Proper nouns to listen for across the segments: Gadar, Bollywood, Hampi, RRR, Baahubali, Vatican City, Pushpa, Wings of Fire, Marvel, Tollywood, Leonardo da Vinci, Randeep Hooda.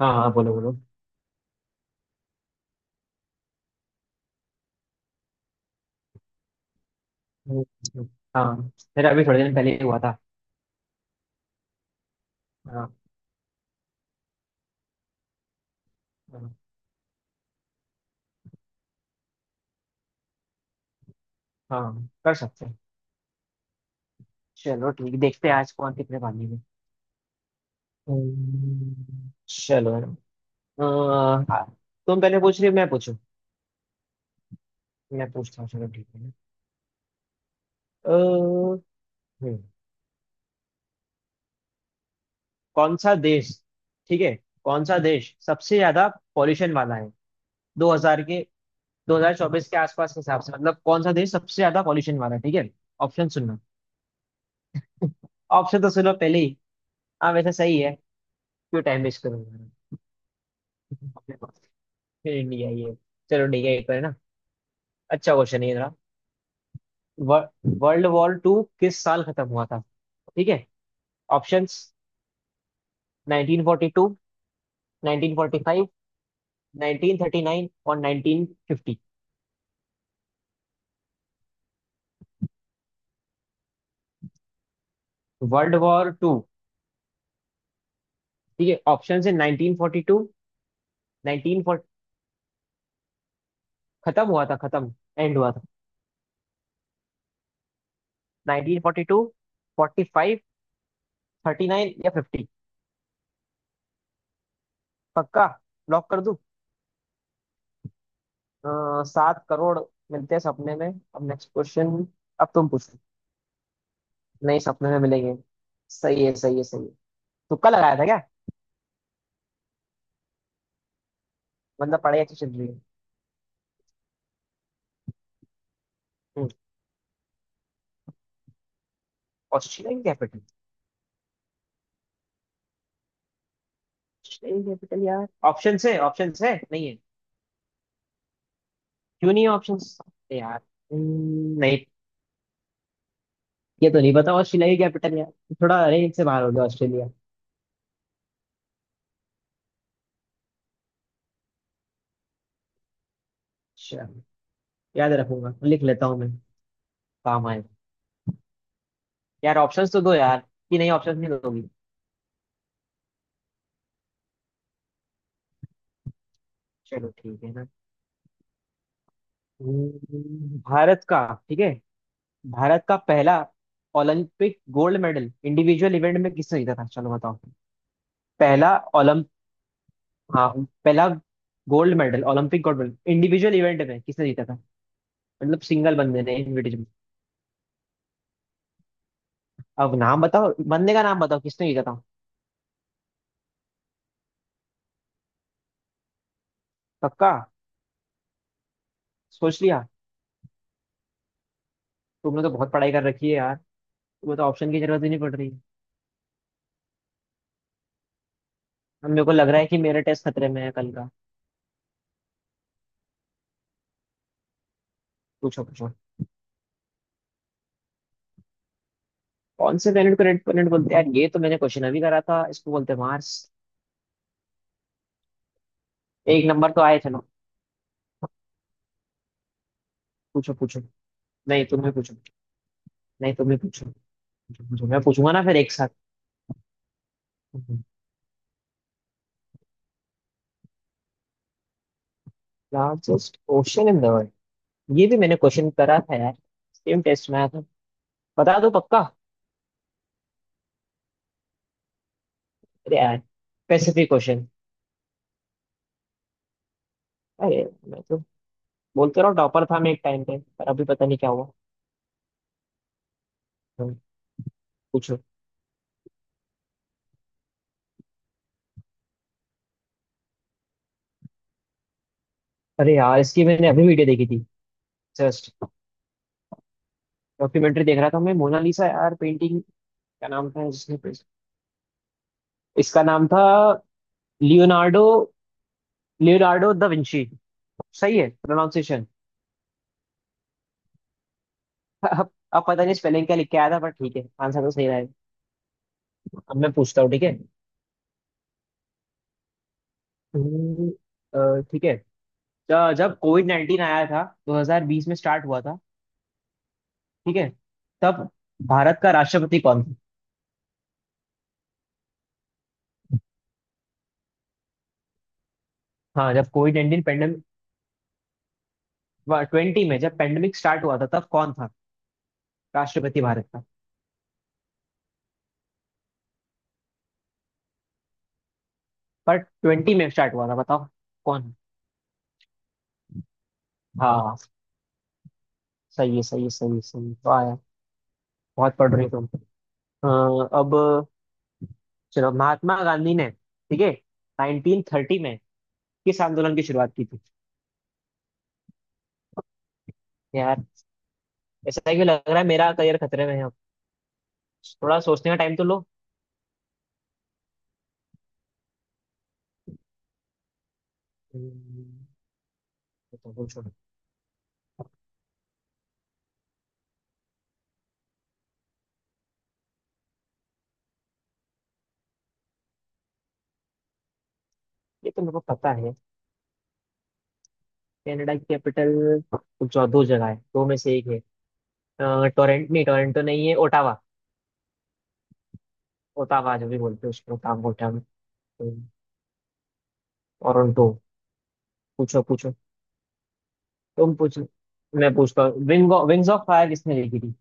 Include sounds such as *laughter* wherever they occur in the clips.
हाँ हाँ, बोलो बोलो। हम्म, हाँ। मेरा अभी थोड़े दिन पहले ही हुआ था। हाँ हाँ। हाँ, कर सकते हैं। चलो ठीक, देखते हैं आज कौन कितने पानी में। चलो। अ, तुम पहले पूछ रही हो, मैं पूछूं? मैं पूछता हूँ, चलो ठीक है। अ, हम्म, कौन सा देश, ठीक है। कौन सा देश सबसे ज्यादा पॉल्यूशन वाला है? 2000 के, 2024 के आसपास के हिसाब से, मतलब कौन सा देश सबसे ज्यादा पॉल्यूशन वाला है? ठीक है। ऑप्शन सुनना। ऑप्शन तो सुनो पहले ही। हाँ, वैसे सही है। क्यों टाइम वेस्ट करूंगा। *laughs* इंडिया ये। चलो ठीक है एक बार ना। अच्छा क्वेश्चन है ये जरा। वर्ल्ड वॉर टू किस साल खत्म हुआ था? ठीक है। ऑप्शंस 1942, 1945, 1939 और 1950। वर्ल्ड वॉर टू, ठीक है। ऑप्शन है 1942, 19, खत्म हुआ था, खत्म, एंड हुआ था। 1942, 45, 39 या 50। पक्का? लॉक कर दूं? 7 करोड़ मिलते हैं सपने में। अब नेक्स्ट क्वेश्चन। अब तुम पूछो। नहीं, सपने में मिलेंगे। सही है, सही है, सही है। तुक्का लगाया था क्या? मतलब पढ़ाई अच्छी चल रही है। हम्म, ऑस्ट्रेलियन कैपिटल? ऑस्ट्रेलियन कैपिटल यार, ऑप्शन है? ऑप्शन है नहीं है? क्यों नहीं है ऑप्शन यार। नहीं। ये तो नहीं पता ऑस्ट्रेलिया की कैपिटल यार। थोड़ा रेंज से बाहर हो गया ऑस्ट्रेलिया। अच्छा। याद रखूंगा, लिख लेता हूँ मैं। काम आए यार, ऑप्शंस तो दो यार। कि नहीं, ऑप्शंस नहीं दोगी? चलो ठीक है ना। भारत का, ठीक है। भारत का पहला Olympic gold medal individual event में किसने जीता था? चलो बताओ। पहला ओलंप हाँ, पहला gold medal, Olympic gold medal individual event में किसने जीता था? मतलब सिंगल बंदे ने, इंडिविजुअल। अब नाम बताओ, बंदे का नाम बताओ, किसने जीता था? पक्का? सोच लिया? तुमने तो बहुत पढ़ाई कर रखी है यार। तुम्हें तो ऑप्शन की जरूरत ही नहीं पड़ रही है। अब मेरे को लग रहा है कि मेरा टेस्ट खतरे में है कल का। पूछो पूछो। कौन से प्लेनेट को रेड प्लेनेट बोलते हैं? यार ये तो मैंने क्वेश्चन अभी करा था। इसको बोलते हैं मार्स। एक नंबर तो आए चलो। पूछो पूछो। नहीं, तुम्हें पूछो। नहीं, तुम ही पूछो। पूछो, मैं पूछूंगा ना फिर एक साथ। Largest ocean in the world. ये भी मैंने क्वेश्चन करा था यार। सेम टेस्ट में आया था। बता दो पक्का। अरे यार, पैसिफिक ओशन। अरे, मैं तो, बोलते रहो, टॉपर था मैं एक टाइम पे, पर अभी पता नहीं क्या हुआ। हम्म, पूछो। अरे यार, इसकी मैंने अभी वीडियो देखी थी। जस्ट डॉक्यूमेंट्री देख रहा था मैं, मोनालिसा यार, पेंटिंग का नाम था जिसने, इसका नाम था लियोनार्डो, लियोनार्डो द विंची। सही है प्रोनाउंसिएशन। अब पता नहीं स्पेलिंग क्या लिख के आया था, पर ठीक है आंसर तो सही रहा है। अब मैं पूछता हूँ, ठीक है। हम्म, ठीक है। जब कोविड नाइन्टीन आया था, 2020 में स्टार्ट हुआ था, ठीक है, तब भारत का राष्ट्रपति कौन था? हाँ, जब कोविड नाइन्टीन पेंडेमिक, ट्वेंटी में जब पेंडेमिक स्टार्ट हुआ था तब कौन था राष्ट्रपति भारत का? पर ट्वेंटी में स्टार्ट हुआ था, बताओ कौन? हाँ। सही है, सही है, सही है, सही है, वाह यार। बहुत पढ़ रही तुम। अ, अब, चलो, महात्मा गांधी ने, ठीक है, 1930 में किस आंदोलन की शुरुआत की थी? यार ऐसा क्यों लग रहा है मेरा करियर खतरे में है अब। थोड़ा सोचने का टाइम तो लो। हम्म, ये तो पूछो। ये तो मेरे को पता है। कनाडा की कैपिटल, जो दो जगह है दो में से एक है। अ, टोरंट नहीं, टोरंटो नहीं है, ओटावा। ओटावा, जो भी बोलते हैं उसको, ओटावा ओटावा। टोरंटो। पूछो पूछो। तुम पूछो। मैं पूछता हूँ विंग्स ऑफ फायर किसने लिखी थी?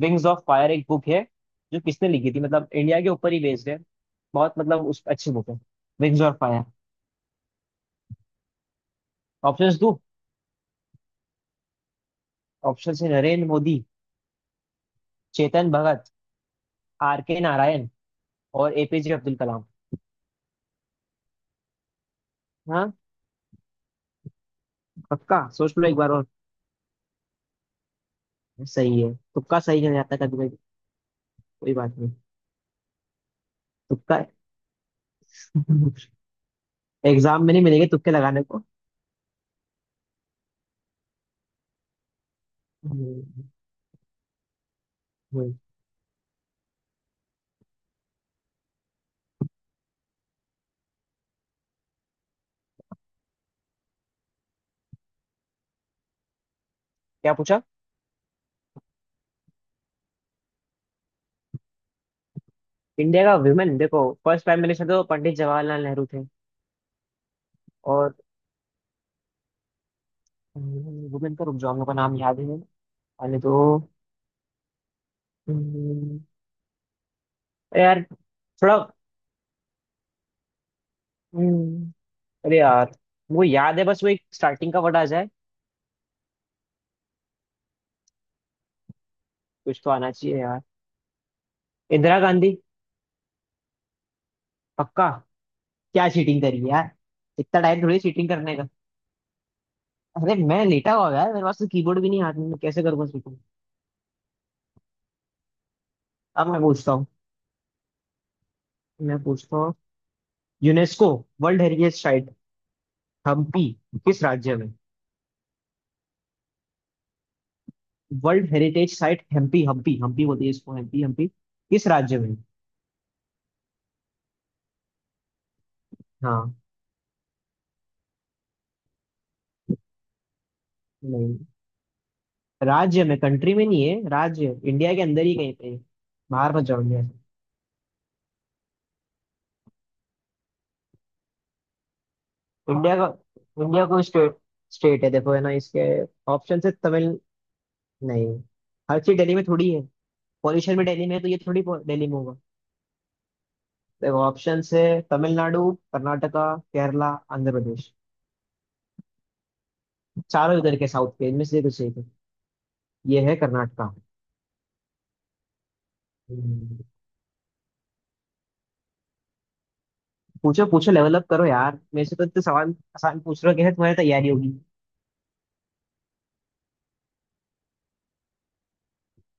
विंग्स ऑफ फायर एक बुक है, जो किसने लिखी थी, मतलब इंडिया के ऊपर ही बेस्ड है। बहुत, मतलब उस, अच्छी बुक है wings of fire. Options, option है नरेंद्र मोदी, चेतन भगत, आर के नारायण और एपीजे अब्दुल कलाम। हाँ। पक्का? सोच लो एक बार और। सही है, तुक्का सही नहीं आता कभी कभी, कोई बात नहीं, तुक्का। *laughs* एग्जाम में नहीं मिलेंगे तुक्के लगाने को। हम्म, हम्म। क्या पूछा? इंडिया का वुमेन, देखो, फर्स्ट प्राइम मिनिस्टर तो पंडित जवाहरलाल नेहरू थे। और वुमेन का, रुक जाओ, हम लोग का नाम याद है। अरे तो, हम्म, अरे यार, थोड़ा, हम्म, अरे यार, वो याद है, बस वो एक स्टार्टिंग का वर्ड आ जाए। कुछ तो आना चाहिए यार। इंदिरा गांधी। पक्का। क्या चीटिंग करी है यार? इतना टाइम थोड़ी चीटिंग करने का। अरे मैं लेटा हुआ हूँ यार, मेरे पास तो कीबोर्ड भी नहीं हाथ में, मैं कैसे करूंगा चीटिंग? अब मैं पूछता हूँ। मैं पूछता हूँ, UNESCO world heritage site Hampi, किस राज्य में? World heritage site Hampi, Hampi Hampi बोलती है इसको, हम्पी हम्पी, किस राज्य में? हाँ। नहीं, राज्य में, कंट्री में नहीं है, राज्य इंडिया के अंदर ही कहीं पे है। बाहर मत जाओ इंडिया से। इंडिया का, इंडिया को स्टेट, स्टेट है, देखो है ना इसके, ऑप्शन है तमिल, नहीं। हर चीज दिल्ली में थोड़ी है। पॉल्यूशन भी दिल्ली में है तो ये थोड़ी दिल्ली में होगा। देखो, ऑप्शन है तमिलनाडु, कर्नाटका, केरला, आंध्र प्रदेश, चारों उधर के साउथ के, इनमें से कुछ एक है। ये है कर्नाटका। हम्म। पूछो पूछो, लेवल अप करो यार, मेरे से तो इतने सवाल आसान पूछ रहे हो, कैसे तुम्हारी तैयारी होगी?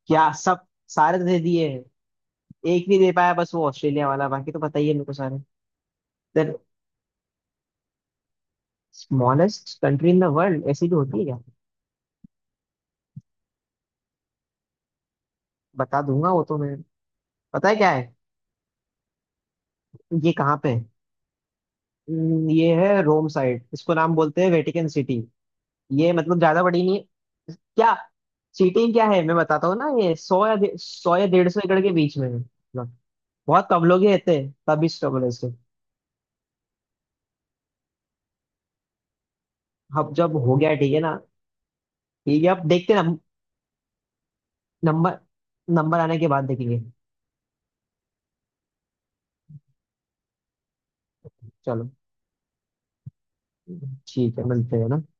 क्या, सब सारे तो दे दिए हैं। एक नहीं दे पाया बस वो ऑस्ट्रेलिया वाला, बाकी तो पता ही है मेरे को सारे। Then, smallest country in the world ऐसी भी होती है क्या? बता दूंगा वो तो मैं, पता है क्या है। ये कहाँ पे है? ये है रोम साइड, इसको नाम बोलते हैं वेटिकन सिटी। ये मतलब ज्यादा बड़ी नहीं है। क्या? सिटी क्या है, मैं बताता हूँ ना, ये सौ या सौ या 150 एकड़ के बीच में है मतलब। बहुत कम लोग ही रहते हैं, तभी स्ट्रगल है इसको। अब जब हो गया, ठीक है ना। ठीक है, अब देखते हैं नंबर। नंबर आने के बाद देखेंगे। चलो ठीक है, मिलते हैं ना।